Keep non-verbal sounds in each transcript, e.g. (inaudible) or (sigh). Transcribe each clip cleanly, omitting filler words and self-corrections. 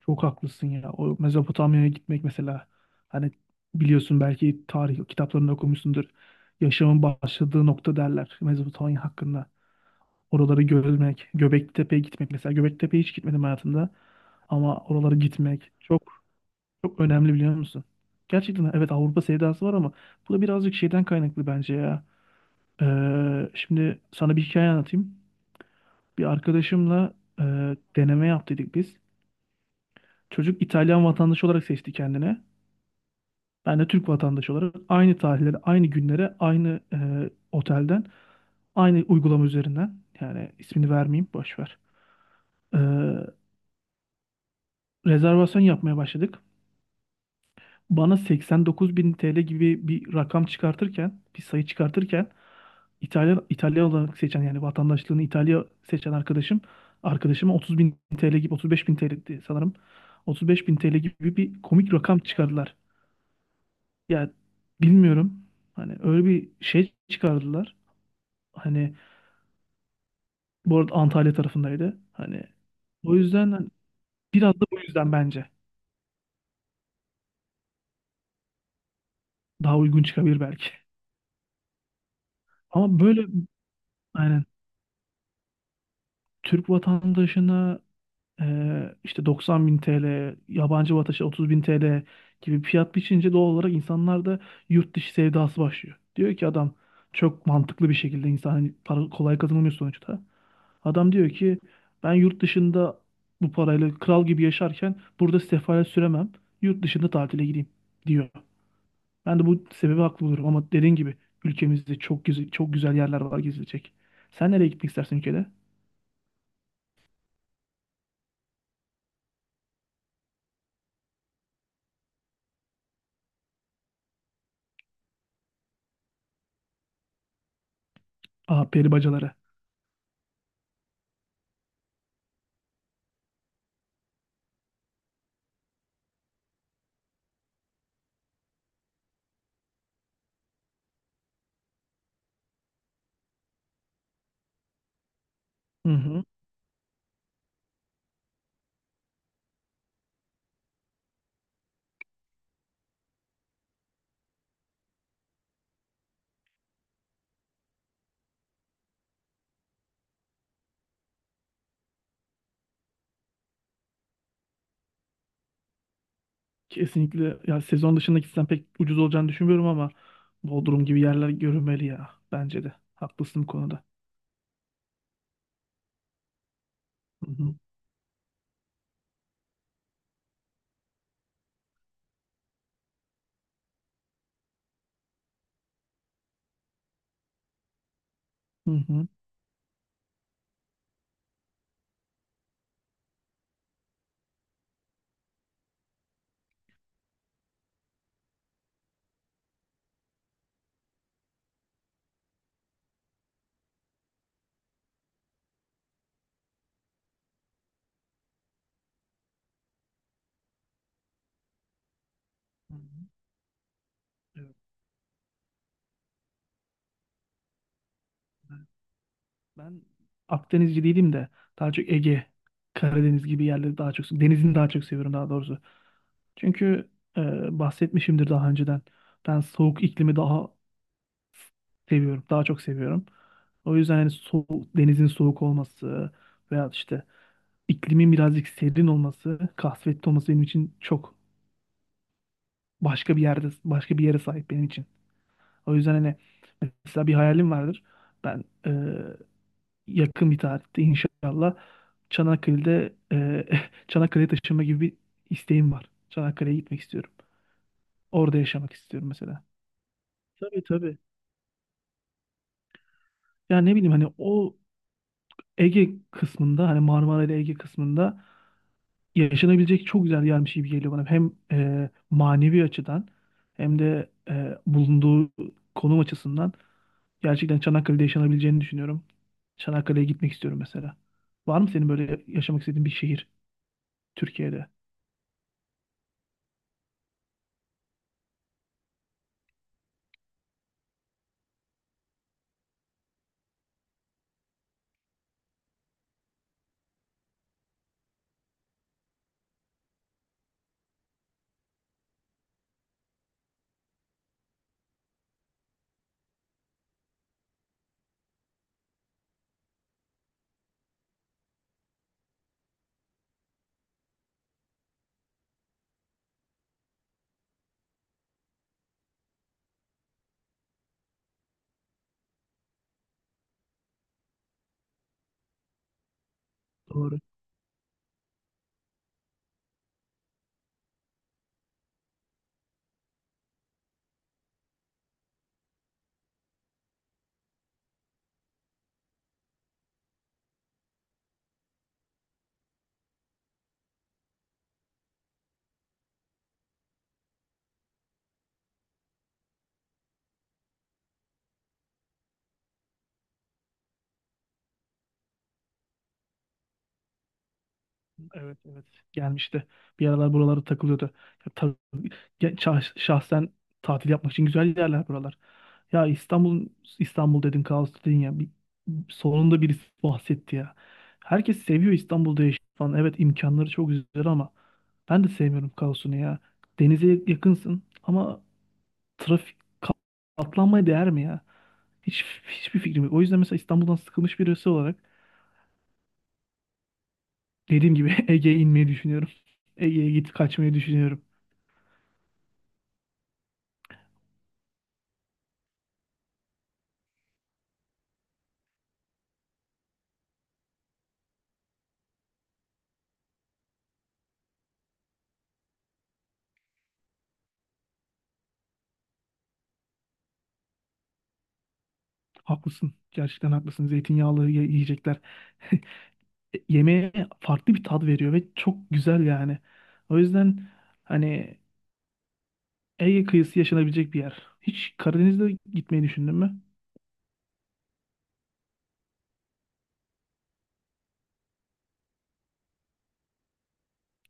Çok haklısın ya. O Mezopotamya'ya gitmek mesela, hani biliyorsun, belki tarih kitaplarında okumuşsundur. Yaşamın başladığı nokta derler Mezopotamya hakkında. Oraları görmek, Göbeklitepe'ye gitmek mesela. Göbeklitepe'ye hiç gitmedim hayatımda ama oralara gitmek çok çok önemli, biliyor musun? Gerçekten evet, Avrupa sevdası var ama bu da birazcık şeyden kaynaklı bence ya. Şimdi sana bir hikaye anlatayım. Bir arkadaşımla e, deneme yaptıydık biz. Çocuk İtalyan vatandaşı olarak seçti kendini. Ben de Türk vatandaşı olarak aynı tarihlere, aynı günlere, aynı otelden, aynı uygulama üzerinden, yani ismini vermeyeyim, boş ver. E, Rezervasyon yapmaya başladık. Bana 89 bin TL gibi bir rakam çıkartırken, bir sayı çıkartırken, İtalya, İtalya olarak seçen, yani vatandaşlığını İtalya seçen arkadaşıma 30 bin TL gibi, 35 bin TL'di sanırım. 35 bin TL gibi bir komik rakam çıkardılar. Ya bilmiyorum. Hani öyle bir şey çıkardılar. Hani bu arada Antalya tarafındaydı. Hani o yüzden, hani biraz da bu yüzden bence daha uygun çıkabilir belki. Ama böyle aynen, Türk vatandaşına işte 90 bin TL, yabancı vatandaşı 30 bin TL gibi fiyat biçince doğal olarak insanlarda yurt dışı sevdası başlıyor. Diyor ki adam, çok mantıklı bir şekilde, insan hani para kolay kazanılmıyor sonuçta. Adam diyor ki ben yurt dışında bu parayla kral gibi yaşarken burada sefalet süremem. Yurt dışında tatile gideyim diyor. Ben de bu sebebi haklı buluyorum ama dediğin gibi ülkemizde çok güzel, çok güzel yerler var gezilecek. Sen nereye gitmek istersin ülkede? Aha, peri bacaları. Hı hı. Kesinlikle ya, sezon dışında gitsem pek ucuz olacağını düşünmüyorum ama Bodrum gibi yerler görünmeli ya, bence de. Haklısın bu konuda. Hı hı. Hı hı. Hı hı. Evet. Ben Akdenizci değilim de daha çok Ege, Karadeniz gibi yerleri, daha çok denizini daha çok seviyorum, daha doğrusu. Çünkü bahsetmişimdir daha önceden. Ben soğuk iklimi daha seviyorum, daha çok seviyorum. O yüzden hani soğuk, denizin soğuk olması veya işte iklimin birazcık serin olması, kasvetli olması benim için çok başka bir yerde, başka bir yere sahip benim için. O yüzden hani mesela bir hayalim vardır. Ben yakın bir tarihte inşallah Çanakkale'de (laughs) Çanakkale'ye taşınma gibi bir isteğim var. Çanakkale'ye gitmek istiyorum. Orada yaşamak istiyorum mesela. Tabii tabii. Yani ne bileyim, hani o Ege kısmında, hani Marmara ile Ege kısmında yaşanabilecek çok güzel yermiş gibi geliyor bana. Hem manevi açıdan hem de bulunduğu konum açısından gerçekten Çanakkale'de yaşanabileceğini düşünüyorum. Çanakkale'ye gitmek istiyorum mesela. Var mı senin böyle yaşamak istediğin bir şehir Türkiye'de? Doğru. Evet evet, gelmişti. Bir aralar buralara takılıyordu. Ya, ya şahsen tatil yapmak için güzel yerler buralar. Ya İstanbul İstanbul dedin, kaos dedin ya. Bir, sonunda birisi bahsetti ya. Herkes seviyor İstanbul'da yaşamayı falan. Evet, imkanları çok güzel ama ben de sevmiyorum kaosunu ya. Denize yakınsın ama trafik, ka- katlanmaya değer mi ya? Hiç hiçbir fikrim yok. O yüzden mesela İstanbul'dan sıkılmış birisi olarak, dediğim gibi (laughs) Ege'ye inmeyi düşünüyorum. Ege'ye git kaçmayı düşünüyorum. Haklısın. Gerçekten haklısın. Zeytinyağlı yiyecekler yemeğe farklı bir tat veriyor ve çok güzel yani. O yüzden hani Ege kıyısı yaşanabilecek bir yer. Hiç Karadeniz'de gitmeyi düşündün mü?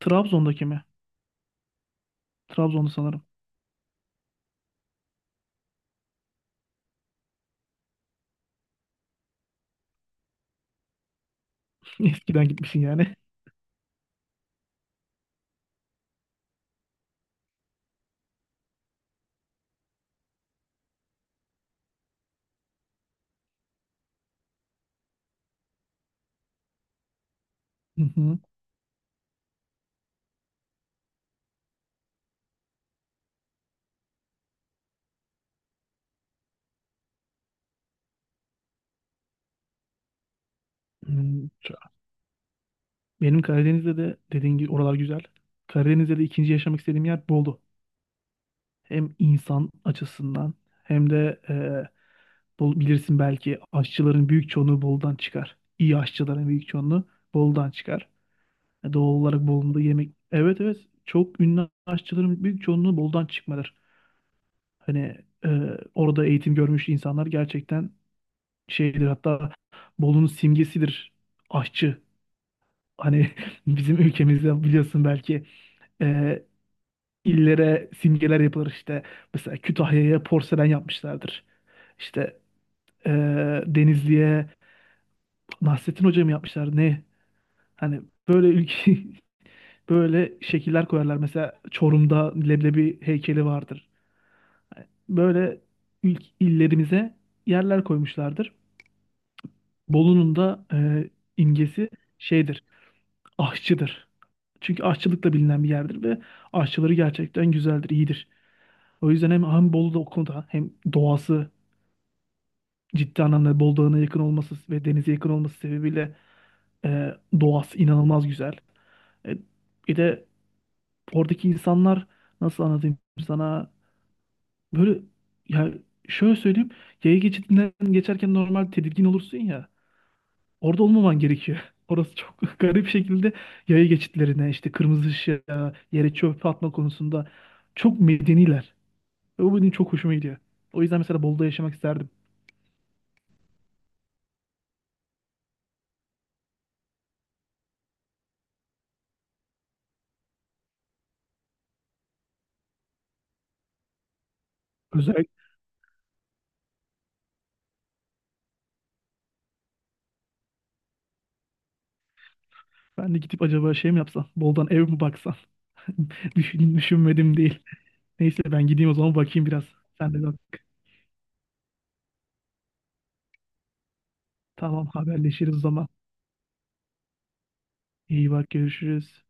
Trabzon'daki mi? Trabzon'da sanırım. (laughs) Eskiden gitmişsin yani. Hı hı. Hmm, benim Karadeniz'de de dediğin gibi oralar güzel. Karadeniz'de de ikinci yaşamak istediğim yer Bolu. Hem insan açısından hem de bilirsin belki aşçıların büyük çoğunluğu Bolu'dan çıkar. İyi aşçıların büyük çoğunluğu Bolu'dan çıkar. E, doğal olarak Bolu'nda yemek... Evet evet, çok ünlü aşçıların büyük çoğunluğu Bolu'dan çıkmadır. Hani e, orada eğitim görmüş insanlar gerçekten şeydir, hatta Bolu'nun simgesidir aşçı. Hani (laughs) bizim ülkemizde biliyorsun belki e, illere simgeler yapılır işte. Mesela Kütahya'ya porselen yapmışlardır. İşte e, Denizli'ye Nasrettin Hoca mı yapmışlar ne? Hani böyle ülke (laughs) böyle şekiller koyarlar. Mesela Çorum'da leblebi heykeli vardır. Hani böyle ilk illerimize yerler koymuşlardır. Bolu'nun da imgesi şeydir, aşçıdır. Çünkü aşçılıkla bilinen bir yerdir ve aşçıları gerçekten güzeldir, iyidir. O yüzden hem Bolu'da o konuda hem doğası, ciddi anlamda Bolu Dağı'na yakın olması ve denize yakın olması sebebiyle e, doğası inanılmaz güzel. E, Bir de oradaki insanlar, nasıl anlatayım sana, böyle ya, şöyle söyleyeyim, yaya geçidinden geçerken normal tedirgin olursun ya, orada olmaman gerekiyor. (laughs) Orası çok (laughs) garip şekilde yaya geçitlerine, işte kırmızı ışığa, yere çöp atma konusunda çok medeniler. Ve bu benim çok hoşuma gidiyor. O yüzden mesela Bolu'da yaşamak isterdim. Özellikle ben de gidip acaba şey mi yapsam? Boldan ev mi baksam? (laughs) Düşünmedim değil. Neyse ben gideyim o zaman, bakayım biraz. Sen de bak. Tamam, haberleşiriz o zaman. İyi bak, görüşürüz.